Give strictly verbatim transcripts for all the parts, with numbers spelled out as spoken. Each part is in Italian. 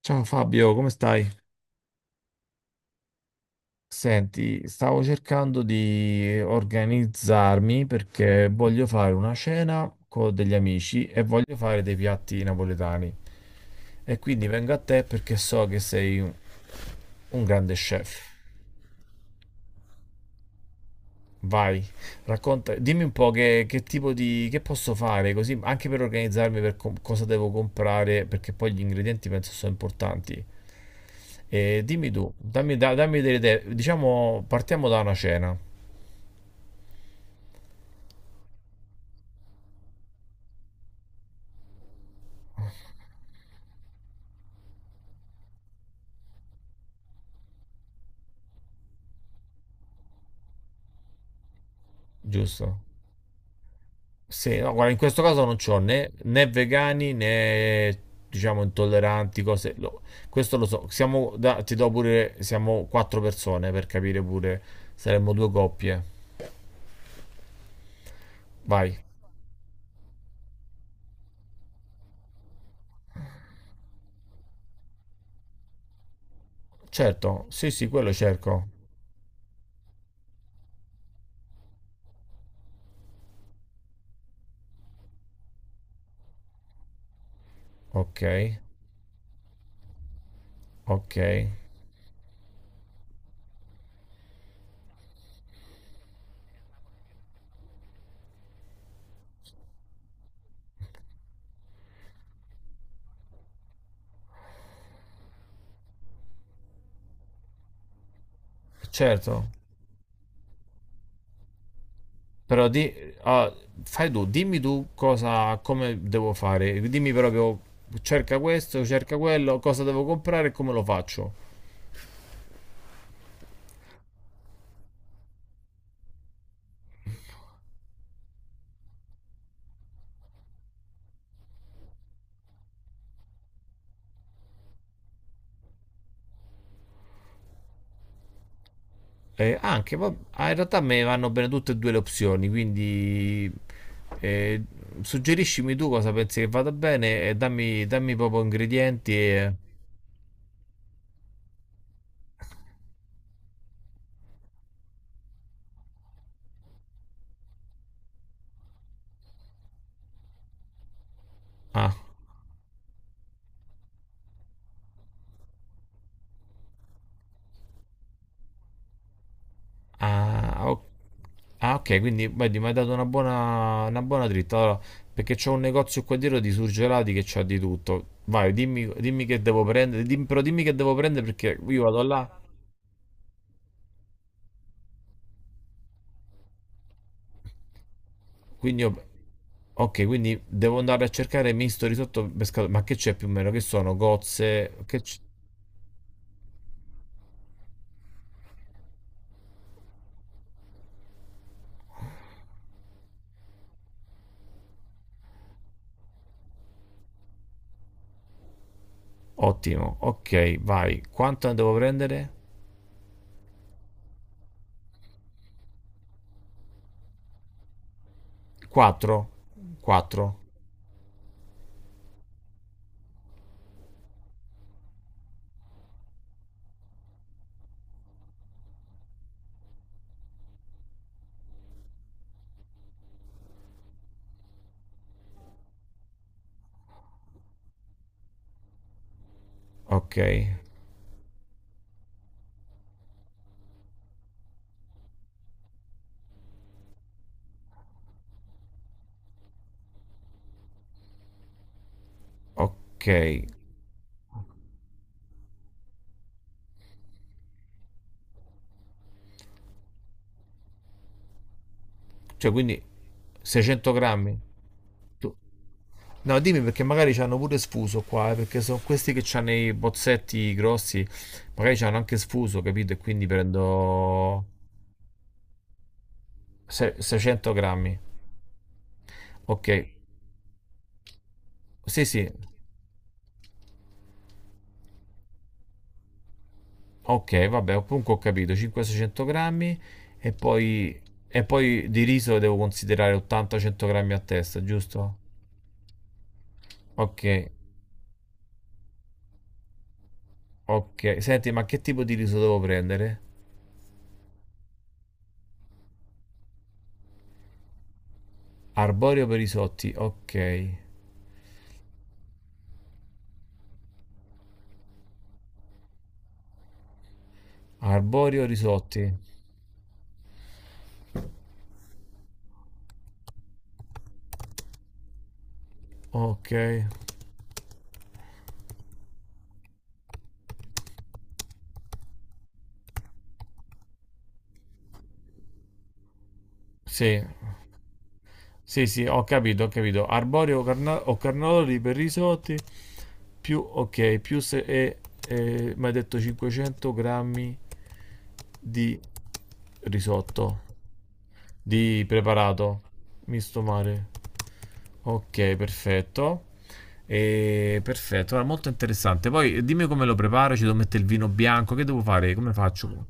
Ciao Fabio, come stai? Senti, stavo cercando di organizzarmi perché voglio fare una cena con degli amici e voglio fare dei piatti napoletani. E quindi vengo a te perché so che sei un, un grande chef. Vai, racconta, dimmi un po' che, che tipo di, che posso fare, così anche per organizzarmi per com- cosa devo comprare, perché poi gli ingredienti penso sono importanti. E dimmi tu, dammi, da- dammi delle idee. Diciamo, partiamo da una cena, giusto? Sì, no, guarda, in questo caso non c'ho né, né vegani né, diciamo, intolleranti, cose. Lo- questo lo so. Siamo, da- ti do pure, siamo quattro persone per capire pure, saremmo due coppie. Vai. Certo, sì, sì, quello cerco. Ok, ok, certo. Però di, ah, Fai tu, dimmi tu cosa, come devo fare. Dimmi proprio, cerca questo, cerca quello, cosa devo comprare e come lo faccio. Eh, anche, va- ah, in realtà me vanno bene tutte e due le opzioni, quindi eh, suggeriscimi tu cosa pensi che vada bene e dammi, dammi proprio ingredienti e... Ah. Ah, o- ah, ok, quindi vedi, mi hai dato una buona, una buona dritta. Allora, perché c'ho un negozio qua dietro di surgelati che c'ha di tutto. Vai, dimmi, dimmi che devo prendere, dim- però dimmi che devo prendere perché io vado là. Quindi io- Ok, quindi devo andare a cercare misto risotto pescato. Ma che c'è più o meno? Che sono? Gozze? Che c- Ottimo, ok, vai. Quanto ne devo prendere? quattro? quattro? Ok, ok. Cioè, quindi seicento grammi? Tu- No, dimmi perché magari ci hanno pure sfuso qua, eh, perché sono questi che hanno i bozzetti grossi, magari ci hanno anche sfuso, capito? E quindi prendo se- seicento grammi. Ok, sì, sì, ok, vabbè, comunque ho capito, cinquecento seicento grammi e poi, e poi di riso devo considerare ottanta cento grammi a testa, giusto? Ok, ok. Senti, ma che tipo di riso devo prendere? Arborio per risotti, ok. Arborio risotti, ok. Sì, sì, sì, ho capito, ho capito. Arborio o, carna- o carnaroli per risotti, più, ok, più se... E, e, mi hai detto cinquecento grammi di risotto, di preparato, misto mare. Ok, perfetto. E, perfetto, guarda, molto interessante. Poi dimmi come lo preparo, ci devo mettere il vino bianco, che devo fare? Come faccio?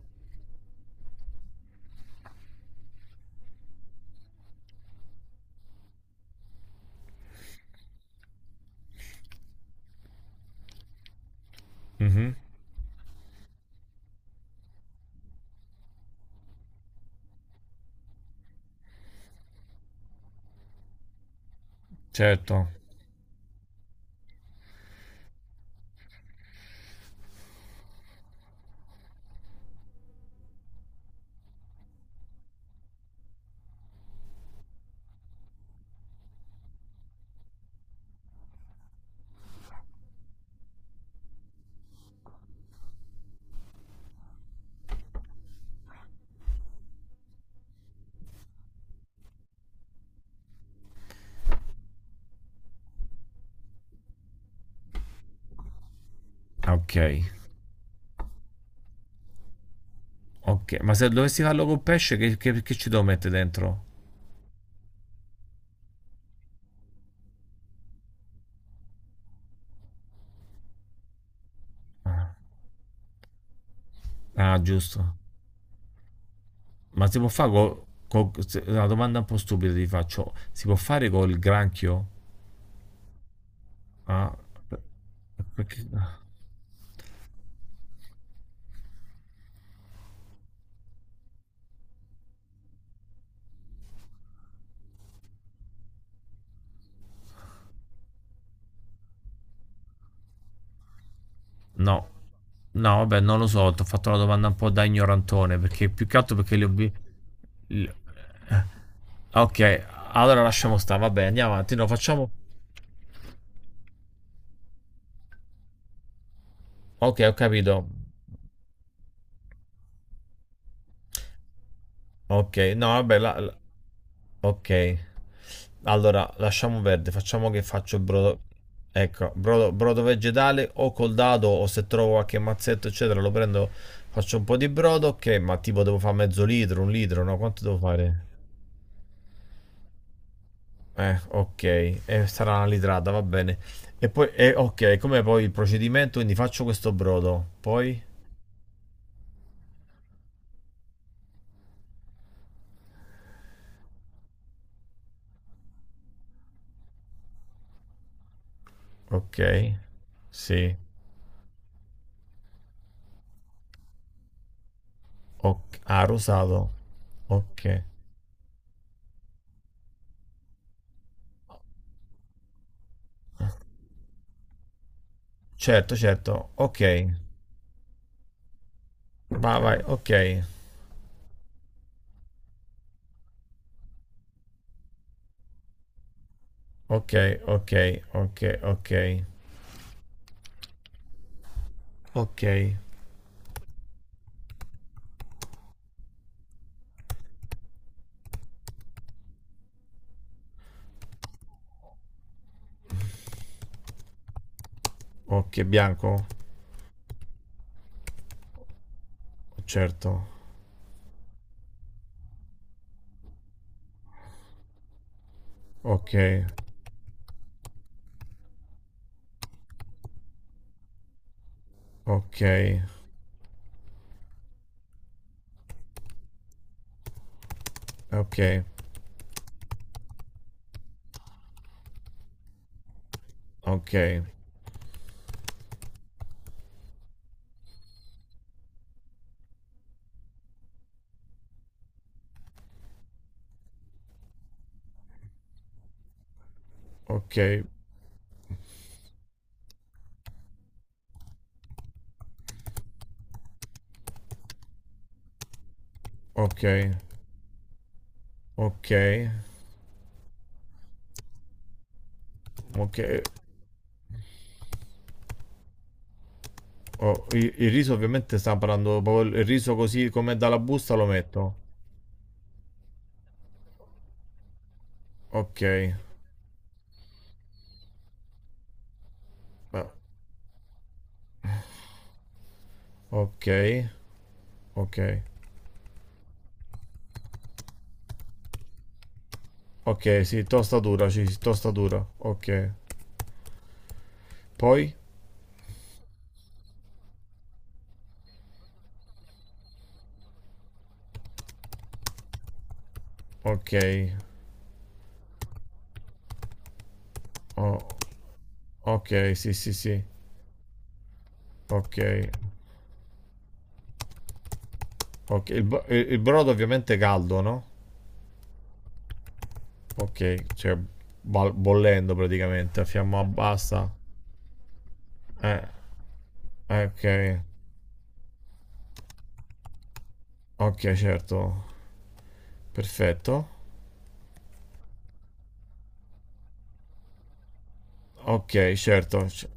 Mhm, certo. Ah, ok, ok. Ma se dovessi farlo con pesce, che, che- che ci devo mettere dentro? Ah, ah, giusto. Ma si può fare con... una domanda un po' stupida ti faccio. Si può fare col granchio? Ah, per- perché... No. No, vabbè, non lo so, ti ho fatto una domanda un po' da ignorantone, perché più che altro perché le ho... vi- le- eh, Ok, allora lasciamo stare, vabbè, andiamo avanti, no, facciamo... Ok, ho capito. Ok, no, vabbè, la, Ok. Allora, lasciamo verde, facciamo che faccio il brodo... Ecco, brodo, brodo vegetale o col dado o se trovo qualche mazzetto, eccetera, lo prendo, faccio un po' di brodo, ok, ma tipo devo fare mezzo litro, un litro, no? Quanto devo fare? Eh, ok, eh, sarà una litrata, va bene. E poi, eh, ok, come poi il procedimento? Quindi faccio questo brodo, poi, ok, sì, ok, ah, rosato, ok, certo, certo, ok, va, vai, ok. Ok, ok, ok, ok. Ok, ok, bianco? Certo. Ok, ok, ok, ok, ok, ok, ok, ok. Oh, il, il riso ovviamente sta parlando proprio il riso così come dalla busta lo metto. Ok, ah, ok, ok, ok, sì, tostatura, sì, sì, tostatura, ok. Poi? Ok, oh, ok, sì, sì, sì. Ok, ok. Il, bo- il- il brodo ovviamente è caldo, no? Ok, cioè bal- bollendo praticamente, a fiamma bassa. Eh, eh, ok, ok, certo. Perfetto. Ok, certo, c-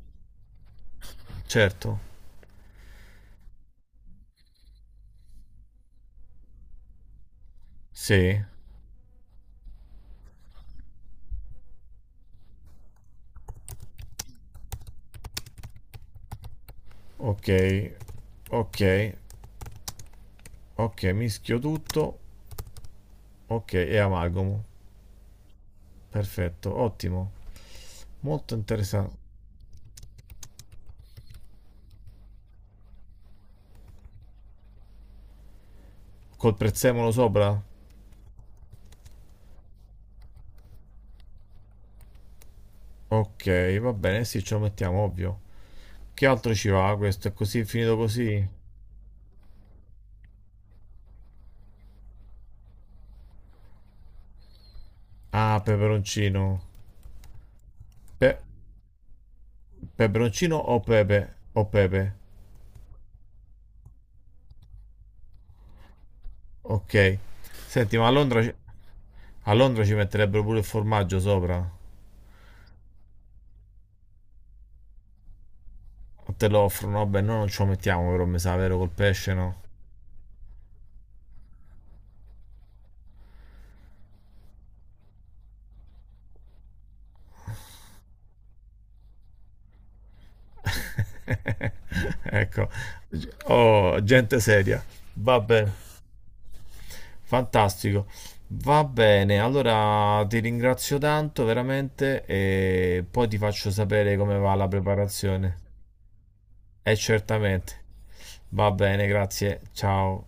certo. Sì, ok, ok, ok, mischio tutto. Ok, e amalgamo. Perfetto, ottimo. Molto interessante. Col prezzemolo sopra? Ok, va bene, sì, ce lo mettiamo, ovvio. Che altro ci va questo? È così, è finito così? Ah, peperoncino. Pe- Peperoncino o pepe? O pepe. Ok. Senti, ma a Londra, ci- a Londra ci metterebbero pure il formaggio sopra? O te lo offrono? Vabbè, noi non ce lo mettiamo però, mi sa, vero, col pesce no? Ecco. Oh, gente seria. Vabbè. Fantastico. Va bene, allora ti ringrazio tanto veramente e poi ti faccio sapere come va la preparazione. E certamente. Va bene, grazie. Ciao.